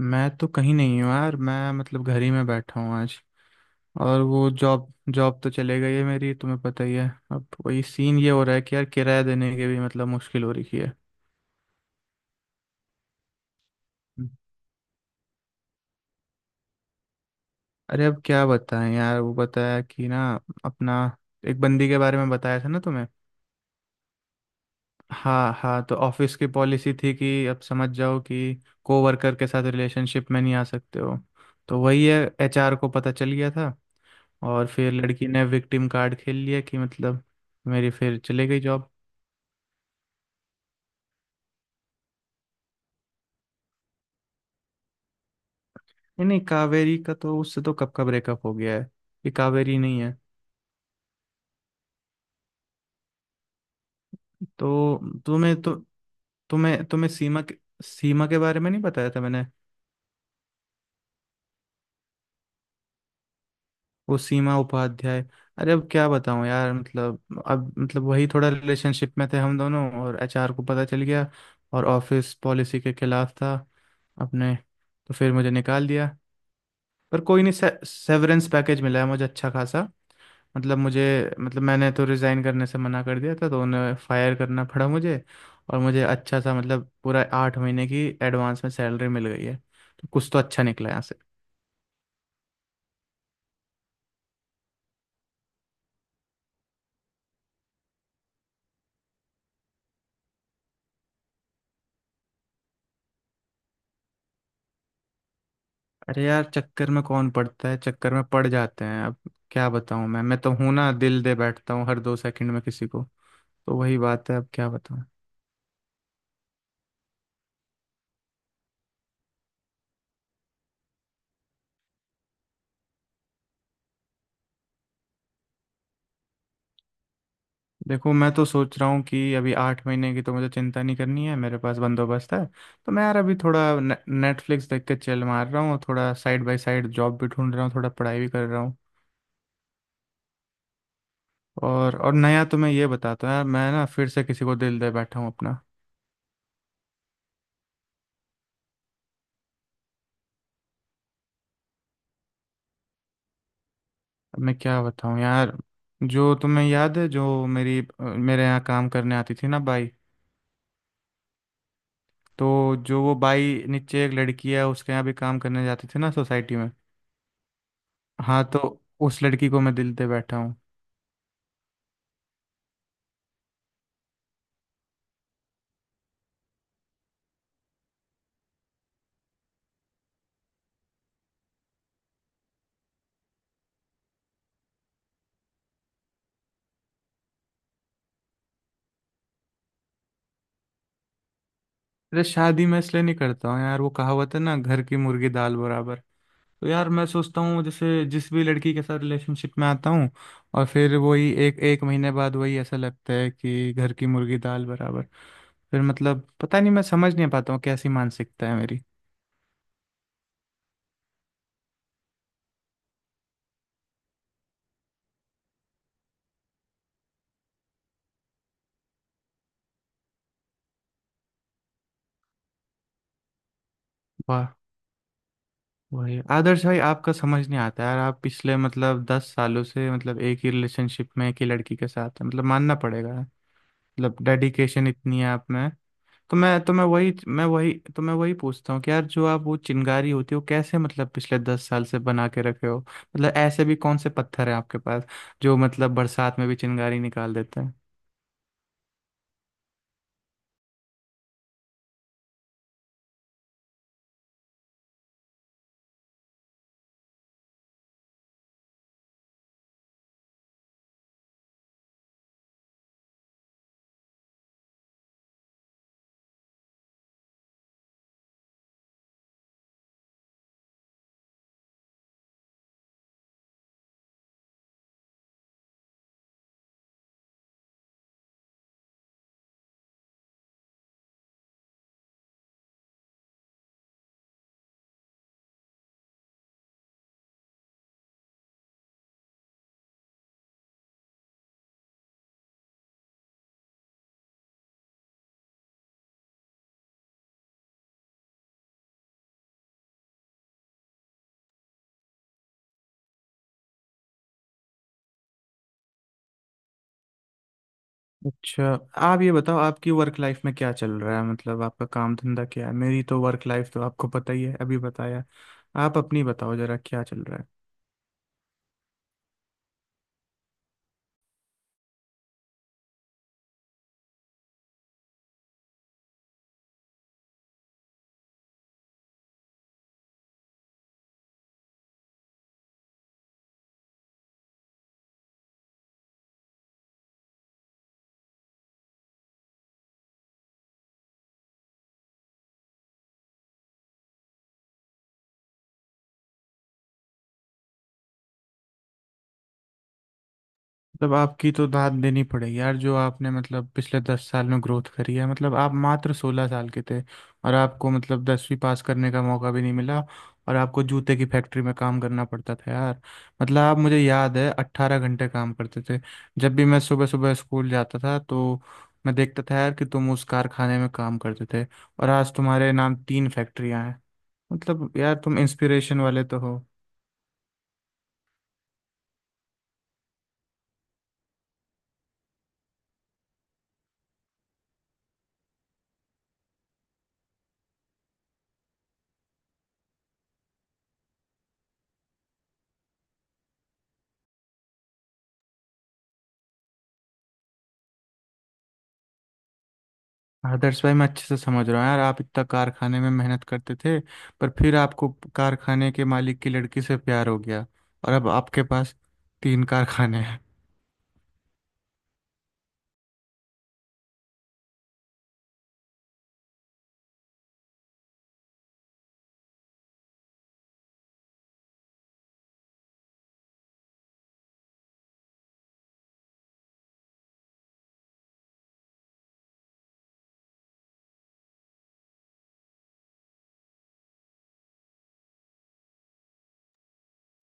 मैं तो कहीं नहीं हूँ यार। मैं मतलब घर ही में बैठा हूँ आज। और वो जॉब जॉब तो चले गई है मेरी, तुम्हें पता ही है। अब वही सीन ये हो रहा है कि यार किराया देने के भी मतलब मुश्किल हो रही है। अरे अब क्या बताएं यार, वो बताया कि ना अपना एक बंदी के बारे में बताया था ना तुम्हें। हाँ हाँ, तो ऑफिस की पॉलिसी थी कि अब समझ जाओ कि कोवर्कर के साथ रिलेशनशिप में नहीं आ सकते हो। तो वही है, एचआर को पता चल गया था। और फिर लड़की ने विक्टिम कार्ड खेल लिया कि मतलब मेरी फिर चले गई जॉब। नहीं नहीं, कावेरी का तो उससे तो कब का ब्रेकअप हो गया है। ये कावेरी नहीं है। तो तुम्हें तुम्हें सीमा के बारे में नहीं बताया था मैंने। वो सीमा उपाध्याय। अरे अब क्या बताऊं यार, मतलब अब मतलब वही थोड़ा रिलेशनशिप में थे हम दोनों, और एचआर को पता चल गया। और ऑफिस पॉलिसी के खिलाफ था अपने, तो फिर मुझे निकाल दिया। पर कोई नहीं, सेवरेंस पैकेज मिला है मुझे अच्छा खासा। मतलब मुझे, मतलब मैंने तो रिज़ाइन करने से मना कर दिया था तो उन्हें फायर करना पड़ा मुझे। और मुझे अच्छा सा मतलब पूरा 8 महीने की एडवांस में सैलरी मिल गई है। तो कुछ तो अच्छा निकला यहाँ से। अरे यार चक्कर में कौन पड़ता है, चक्कर में पड़ जाते हैं। अब क्या बताऊँ, मैं तो हूं ना, दिल दे बैठता हूँ हर 2 सेकंड में किसी को। तो वही बात है, अब क्या बताऊँ। देखो, मैं तो सोच रहा हूँ कि अभी 8 महीने की तो मुझे चिंता नहीं करनी है, मेरे पास बंदोबस्त है। तो मैं यार अभी थोड़ा नेटफ्लिक्स देख के चिल मार रहा हूँ, थोड़ा साइड बाय साइड जॉब भी ढूंढ रहा हूँ, थोड़ा पढ़ाई भी कर रहा हूँ। और नया तो मैं ये बताता हूँ यार, मैं ना फिर से किसी को दिल दे बैठा हूँ अपना। अब मैं क्या बताऊँ यार। जो तुम्हें याद है जो मेरी मेरे यहाँ काम करने आती थी ना बाई, तो जो वो बाई नीचे एक लड़की है उसके यहाँ भी काम करने जाती थी ना सोसाइटी में। हाँ, तो उस लड़की को मैं दिल दे बैठा हूँ। अरे शादी मैं इसलिए नहीं करता हूँ यार, वो कहावत है ना घर की मुर्गी दाल बराबर। तो यार मैं सोचता हूँ जैसे जिस भी लड़की के साथ रिलेशनशिप में आता हूँ, और फिर वही एक एक महीने बाद वही ऐसा लगता है कि घर की मुर्गी दाल बराबर। फिर मतलब पता नहीं, मैं समझ नहीं पाता हूँ कैसी मानसिकता है मेरी। वाह। वही आदर्श भाई आपका समझ नहीं आता यार, आप पिछले मतलब 10 सालों से मतलब एक ही रिलेशनशिप में एक ही लड़की के साथ हैं, मतलब मानना पड़ेगा। मतलब डेडिकेशन इतनी है आप में। तो मैं वही तो मैं वही पूछता हूँ कि यार जो आप वो चिंगारी होती है वो कैसे मतलब पिछले 10 साल से बना के रखे हो, मतलब ऐसे भी कौन से पत्थर हैं आपके पास जो मतलब बरसात में भी चिंगारी निकाल देते हैं। अच्छा, आप ये बताओ आपकी वर्क लाइफ में क्या चल रहा है, मतलब आपका काम धंधा क्या है। मेरी तो वर्क लाइफ तो आपको पता ही है अभी बताया, आप अपनी बताओ जरा क्या चल रहा है। मतलब आपकी तो दाद देनी पड़ेगी यार जो आपने मतलब पिछले 10 साल में ग्रोथ करी है, मतलब आप मात्र 16 साल के थे और आपको मतलब 10वीं पास करने का मौका भी नहीं मिला और आपको जूते की फैक्ट्री में काम करना पड़ता था यार। मतलब आप, मुझे याद है, 18 घंटे काम करते थे। जब भी मैं सुबह सुबह स्कूल जाता था तो मैं देखता था यार कि तुम उस कारखाने में काम करते थे। और आज तुम्हारे नाम तीन फैक्ट्रियां हैं, मतलब यार तुम इंस्पिरेशन वाले तो हो। आदर्श भाई मैं अच्छे से समझ रहा हूँ यार, आप इतना कारखाने में मेहनत करते थे, पर फिर आपको कारखाने के मालिक की लड़की से प्यार हो गया और अब आपके पास तीन कारखाने हैं।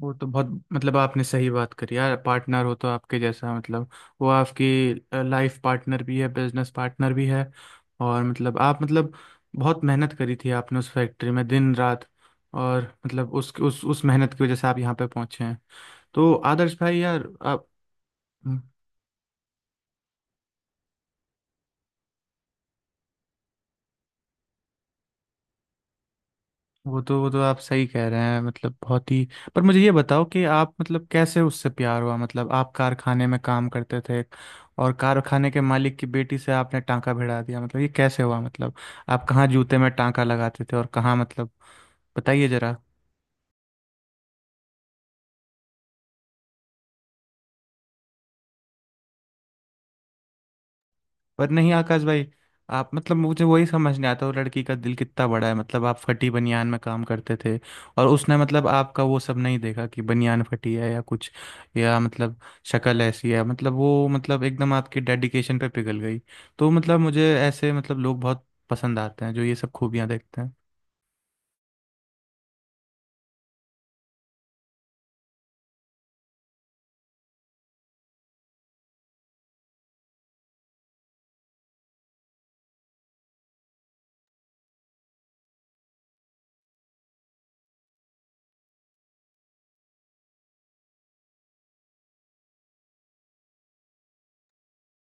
वो तो बहुत, मतलब आपने सही बात करी यार, पार्टनर हो तो आपके जैसा, मतलब वो आपकी लाइफ पार्टनर भी है बिजनेस पार्टनर भी है। और मतलब आप मतलब बहुत मेहनत करी थी आपने उस फैक्ट्री में दिन रात, और मतलब उस मेहनत की वजह से आप यहाँ पे पहुंचे हैं। तो आदर्श भाई यार आप। हम्म। वो तो आप सही कह रहे हैं, मतलब बहुत ही। पर मुझे ये बताओ कि आप मतलब कैसे उससे प्यार हुआ, मतलब आप कारखाने में काम करते थे और कारखाने के मालिक की बेटी से आपने टांका भिड़ा दिया। मतलब ये कैसे हुआ, मतलब आप कहाँ जूते में टांका लगाते थे और कहाँ मतलब, बताइए जरा। पर नहीं आकाश भाई, आप मतलब मुझे वही समझ नहीं आता वो लड़की का दिल कितना बड़ा है, मतलब आप फटी बनियान में काम करते थे और उसने मतलब आपका वो सब नहीं देखा कि बनियान फटी है या कुछ या मतलब शक्ल ऐसी है, मतलब वो मतलब एकदम आपकी डेडिकेशन पे पिघल गई। तो मतलब मुझे ऐसे मतलब लोग बहुत पसंद आते हैं जो ये सब खूबियां देखते हैं।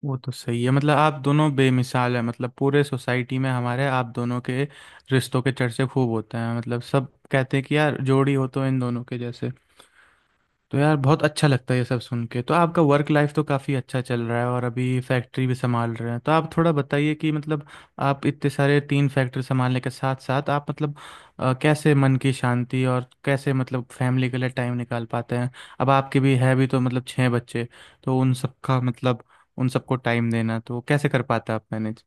वो तो सही है, मतलब आप दोनों बेमिसाल हैं, मतलब पूरे सोसाइटी में हमारे आप दोनों के रिश्तों के चर्चे खूब होते हैं, मतलब सब कहते हैं कि यार जोड़ी हो तो इन दोनों के जैसे। तो यार बहुत अच्छा लगता है ये सब सुन के। तो आपका वर्क लाइफ तो काफ़ी अच्छा चल रहा है और अभी फैक्ट्री भी संभाल रहे हैं तो आप थोड़ा बताइए कि मतलब आप इतने सारे तीन फैक्ट्री संभालने के साथ साथ आप मतलब कैसे मन की शांति और कैसे मतलब फैमिली के लिए टाइम निकाल पाते हैं। अब आपके भी है भी तो मतलब छः बच्चे, तो उन सबका मतलब उन सबको टाइम देना तो कैसे कर पाते हैं आप मैनेज।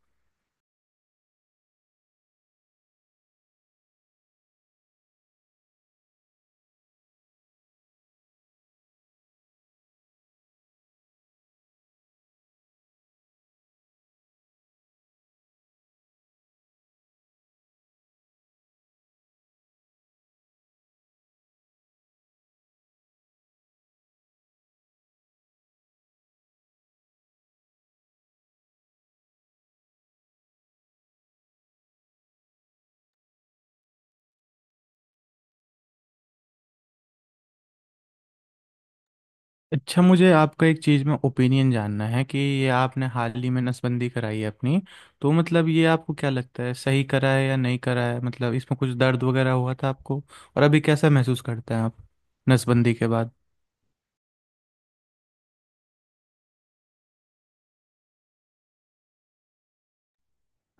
अच्छा, मुझे आपका एक चीज़ में ओपिनियन जानना है कि ये आपने हाल ही में नसबंदी कराई है अपनी, तो मतलब ये आपको क्या लगता है सही करा है या नहीं करा है, मतलब इसमें कुछ दर्द वगैरह हुआ था आपको और अभी कैसा महसूस करते हैं आप नसबंदी के बाद।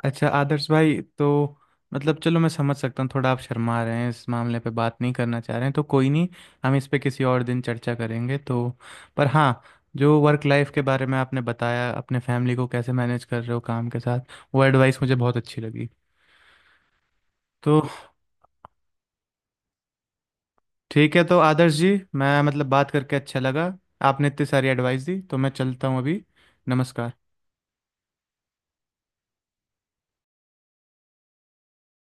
अच्छा आदर्श भाई तो मतलब चलो मैं समझ सकता हूँ थोड़ा आप शर्मा रहे हैं इस मामले पे बात नहीं करना चाह रहे हैं तो कोई नहीं, हम इस पे किसी और दिन चर्चा करेंगे। तो पर हाँ, जो वर्क लाइफ के बारे में आपने बताया अपने फैमिली को कैसे मैनेज कर रहे हो काम के साथ, वो एडवाइस मुझे बहुत अच्छी लगी। तो ठीक है तो आदर्श जी, मैं मतलब बात करके अच्छा लगा। आपने इतनी सारी एडवाइस दी, तो मैं चलता हूँ अभी। नमस्कार।